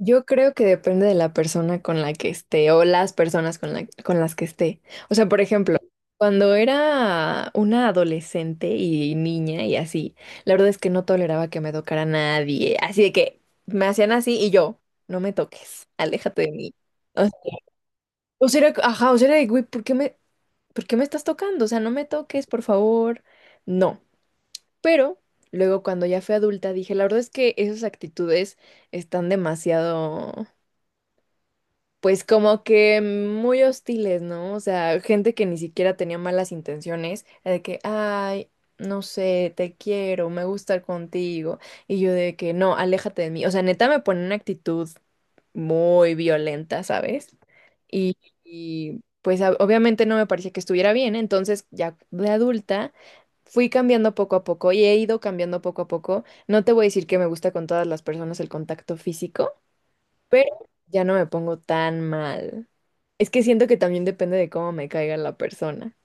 Yo creo que depende de la persona con la que esté o las personas con la- con las que esté. O sea, por ejemplo, cuando era una adolescente y niña y así, la verdad es que no toleraba que me tocara nadie. Así de que me hacían así y yo, no me toques, aléjate de mí. O sea, o sea, era, ajá, o sea, era de, güey, por qué me estás tocando? O sea, no me toques, por favor. No. Pero luego cuando ya fui adulta dije, la verdad es que esas actitudes están demasiado, pues como que muy hostiles, ¿no? O sea, gente que ni siquiera tenía malas intenciones, de que, ay, no sé, te quiero, me gusta estar contigo, y yo de que, no, aléjate de mí. O sea, neta me pone una actitud muy violenta, ¿sabes? Y, y pues obviamente no me parecía que estuviera bien, entonces ya de adulta fui cambiando poco a poco y he ido cambiando poco a poco. No te voy a decir que me gusta con todas las personas el contacto físico, pero ya no me pongo tan mal. Es que siento que también depende de cómo me caiga la persona.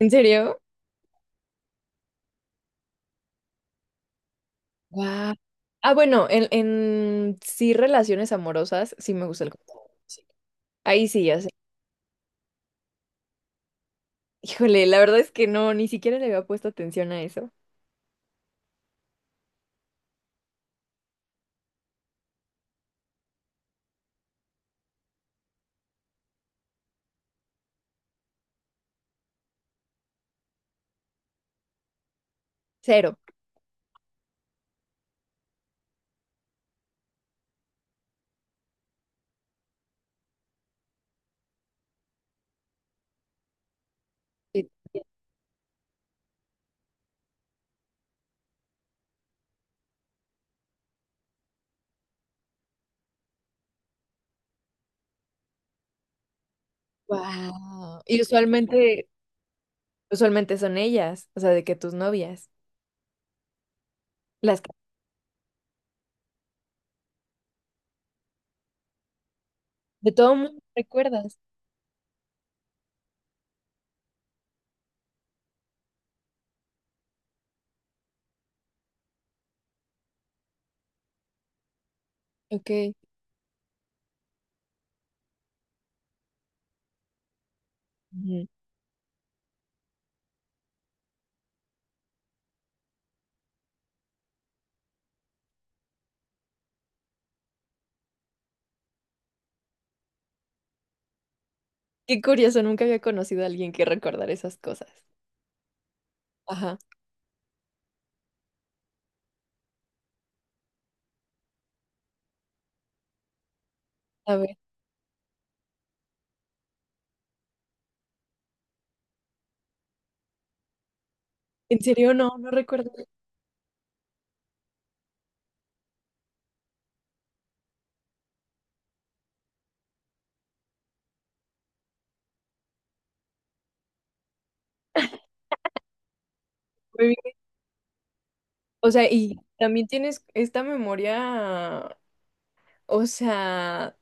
¿En serio? Guau. Ah, bueno, en sí relaciones amorosas sí me gusta el contacto, sí. Ahí sí, ya sé. Híjole, la verdad es que no, ni siquiera le había puesto atención a eso. Cero. Sí. Wow. Y usualmente, usualmente son ellas, o sea, de que tus novias, las que de todo mundo recuerdas. Ok. Ujú. Qué curioso, nunca había conocido a alguien que recordara esas cosas. Ajá. A ver. En serio, no, no recuerdo. O sea, y también tienes esta memoria, o sea,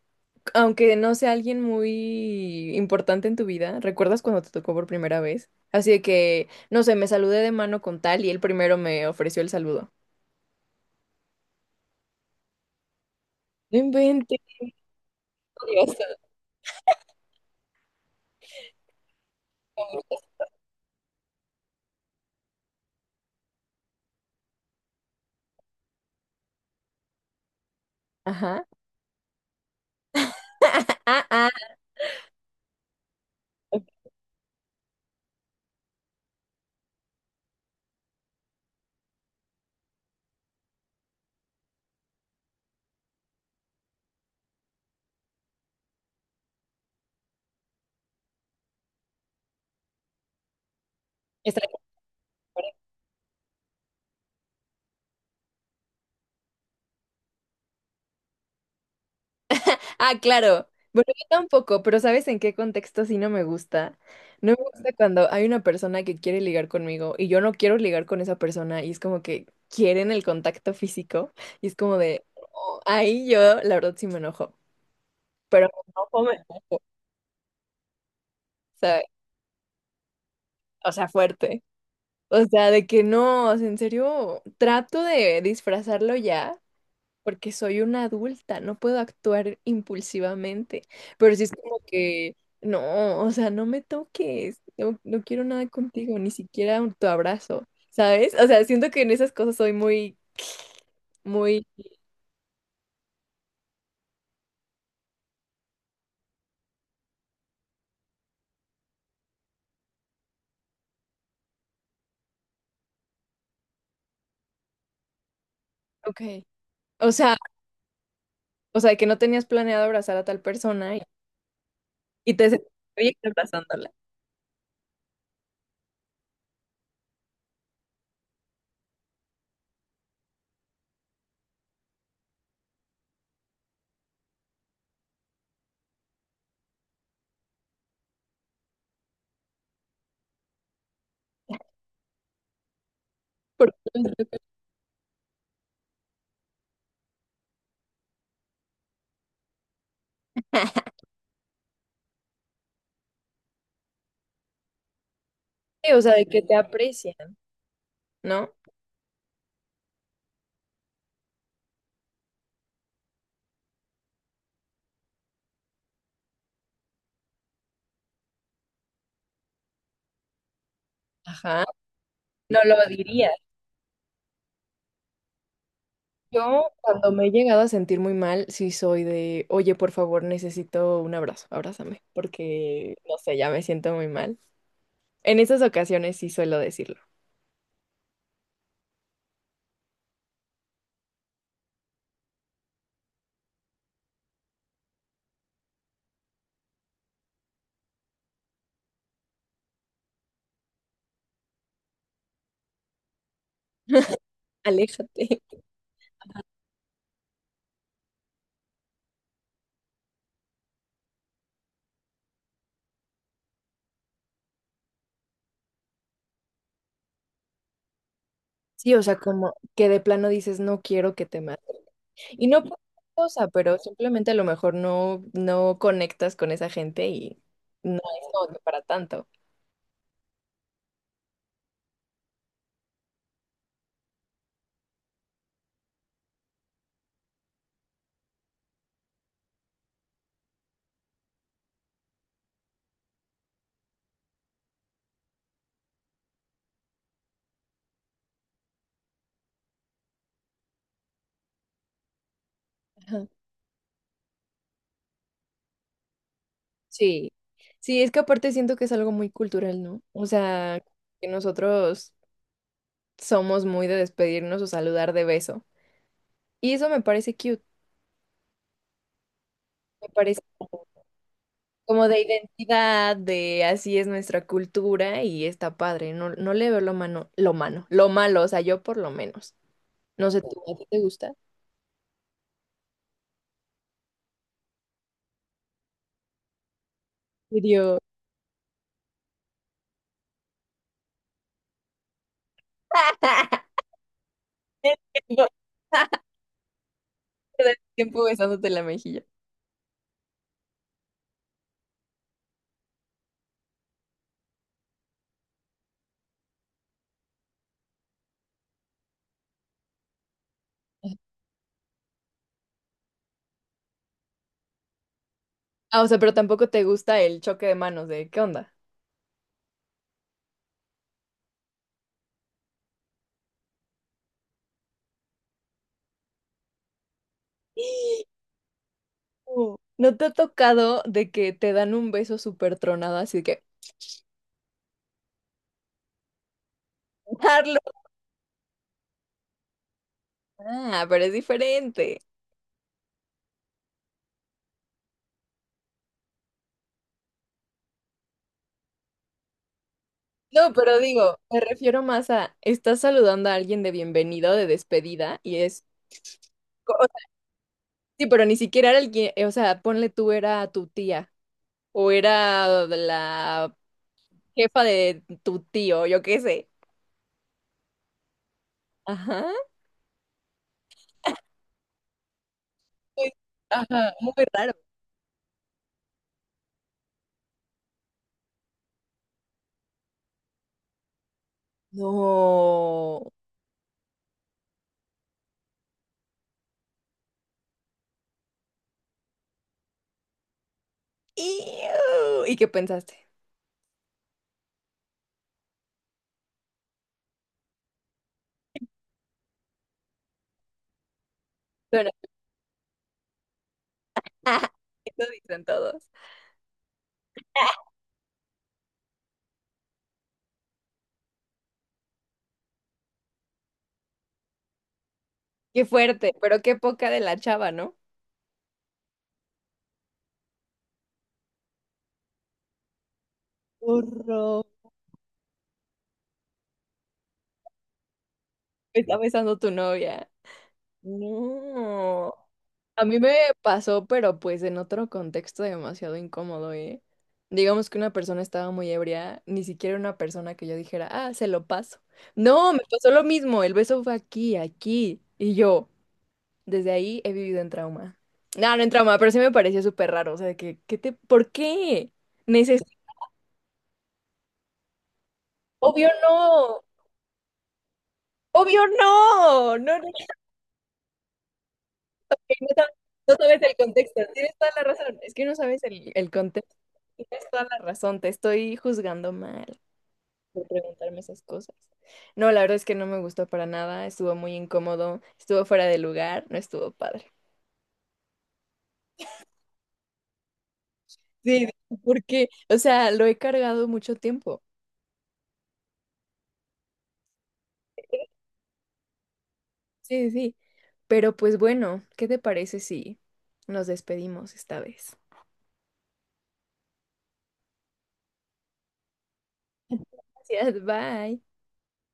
aunque no sea alguien muy importante en tu vida, ¿recuerdas cuando te tocó por primera vez? Así de que, no sé, me saludé de mano con tal y él primero me ofreció el saludo. No inventes. Ajá. Ah, ah. Ah, claro. Bueno, yo tampoco, pero ¿sabes en qué contexto sí no me gusta? No me gusta cuando hay una persona que quiere ligar conmigo y yo no quiero ligar con esa persona y es como que quieren el contacto físico y es como de, "Oh", ahí yo la verdad sí me enojo, pero me enojo, ¿sabes? O sea, fuerte. O sea, de que no, o sea, en serio, trato de disfrazarlo ya, porque soy una adulta, no puedo actuar impulsivamente, pero sí es como que, no, o sea, no me toques, no, no quiero nada contigo, ni siquiera un- tu abrazo, ¿sabes? O sea, siento que en esas cosas soy muy, muy, ok, o sea, o sea, que no tenías planeado abrazar a tal persona y te sentiste bien abrazándola, porque, o sea, de que te aprecian, ¿no? Ajá, no lo diría. Yo cuando me he llegado a sentir muy mal, sí soy de, oye, por favor, necesito un abrazo, abrázame, porque, no sé, ya me siento muy mal. En esas ocasiones sí suelo decirlo. Aléjate. Sí, o sea, como que de plano dices, no quiero que te maten. Y no por otra cosa, pero simplemente a lo mejor no, no conectas con esa gente y no es como que para tanto. Ajá. Sí. Sí, es que aparte siento que es algo muy cultural, ¿no? O sea, que nosotros somos muy de despedirnos o saludar de beso. Y eso me parece cute, me parece como de identidad, de así es nuestra cultura y está padre. No, no le veo lo malo, o sea, yo por lo menos. No sé, ¿tú, a ti te gusta? Video. Tiempo besándote la mejilla. Ah, o sea, pero tampoco te gusta el choque de manos de ¿qué onda? Oh. ¿No te ha tocado de que te dan un beso súper tronado así de que darlo? Ah, pero es diferente. No, pero digo, me refiero más a, estás saludando a alguien de bienvenida o de despedida, y es, o sea, sí, pero ni siquiera era alguien, o sea, ponle tú era tu tía, o era la jefa de tu tío, yo qué sé. Ajá. Pues, ajá, muy raro. No. Iu. ¿Y qué pensaste? Bueno, eso dicen todos. Qué fuerte, pero qué poca de la chava, ¿no? Horror. Me está besando tu novia. No. A mí me pasó, pero pues en otro contexto demasiado incómodo, ¿eh? Digamos que una persona estaba muy ebria, ni siquiera una persona que yo dijera, ah, se lo paso. No, me pasó lo mismo, el beso fue aquí, aquí, y yo, desde ahí he vivido en trauma. No, no en trauma, pero sí me pareció súper raro, o sea, de que, ¿por qué? Necesito, obvio no, obvio no, no, no, no, sab- no sabes el contexto, tienes toda la razón, es que no sabes el contexto, tienes toda la razón, te estoy juzgando mal por preguntarme esas cosas. No, la verdad es que no me gustó para nada, estuvo muy incómodo, estuvo fuera de lugar, no estuvo padre. Sí, porque, o sea, lo he cargado mucho tiempo. Sí, sí, sí. Pero pues bueno, ¿qué te parece si nos despedimos esta vez? Gracias, bye.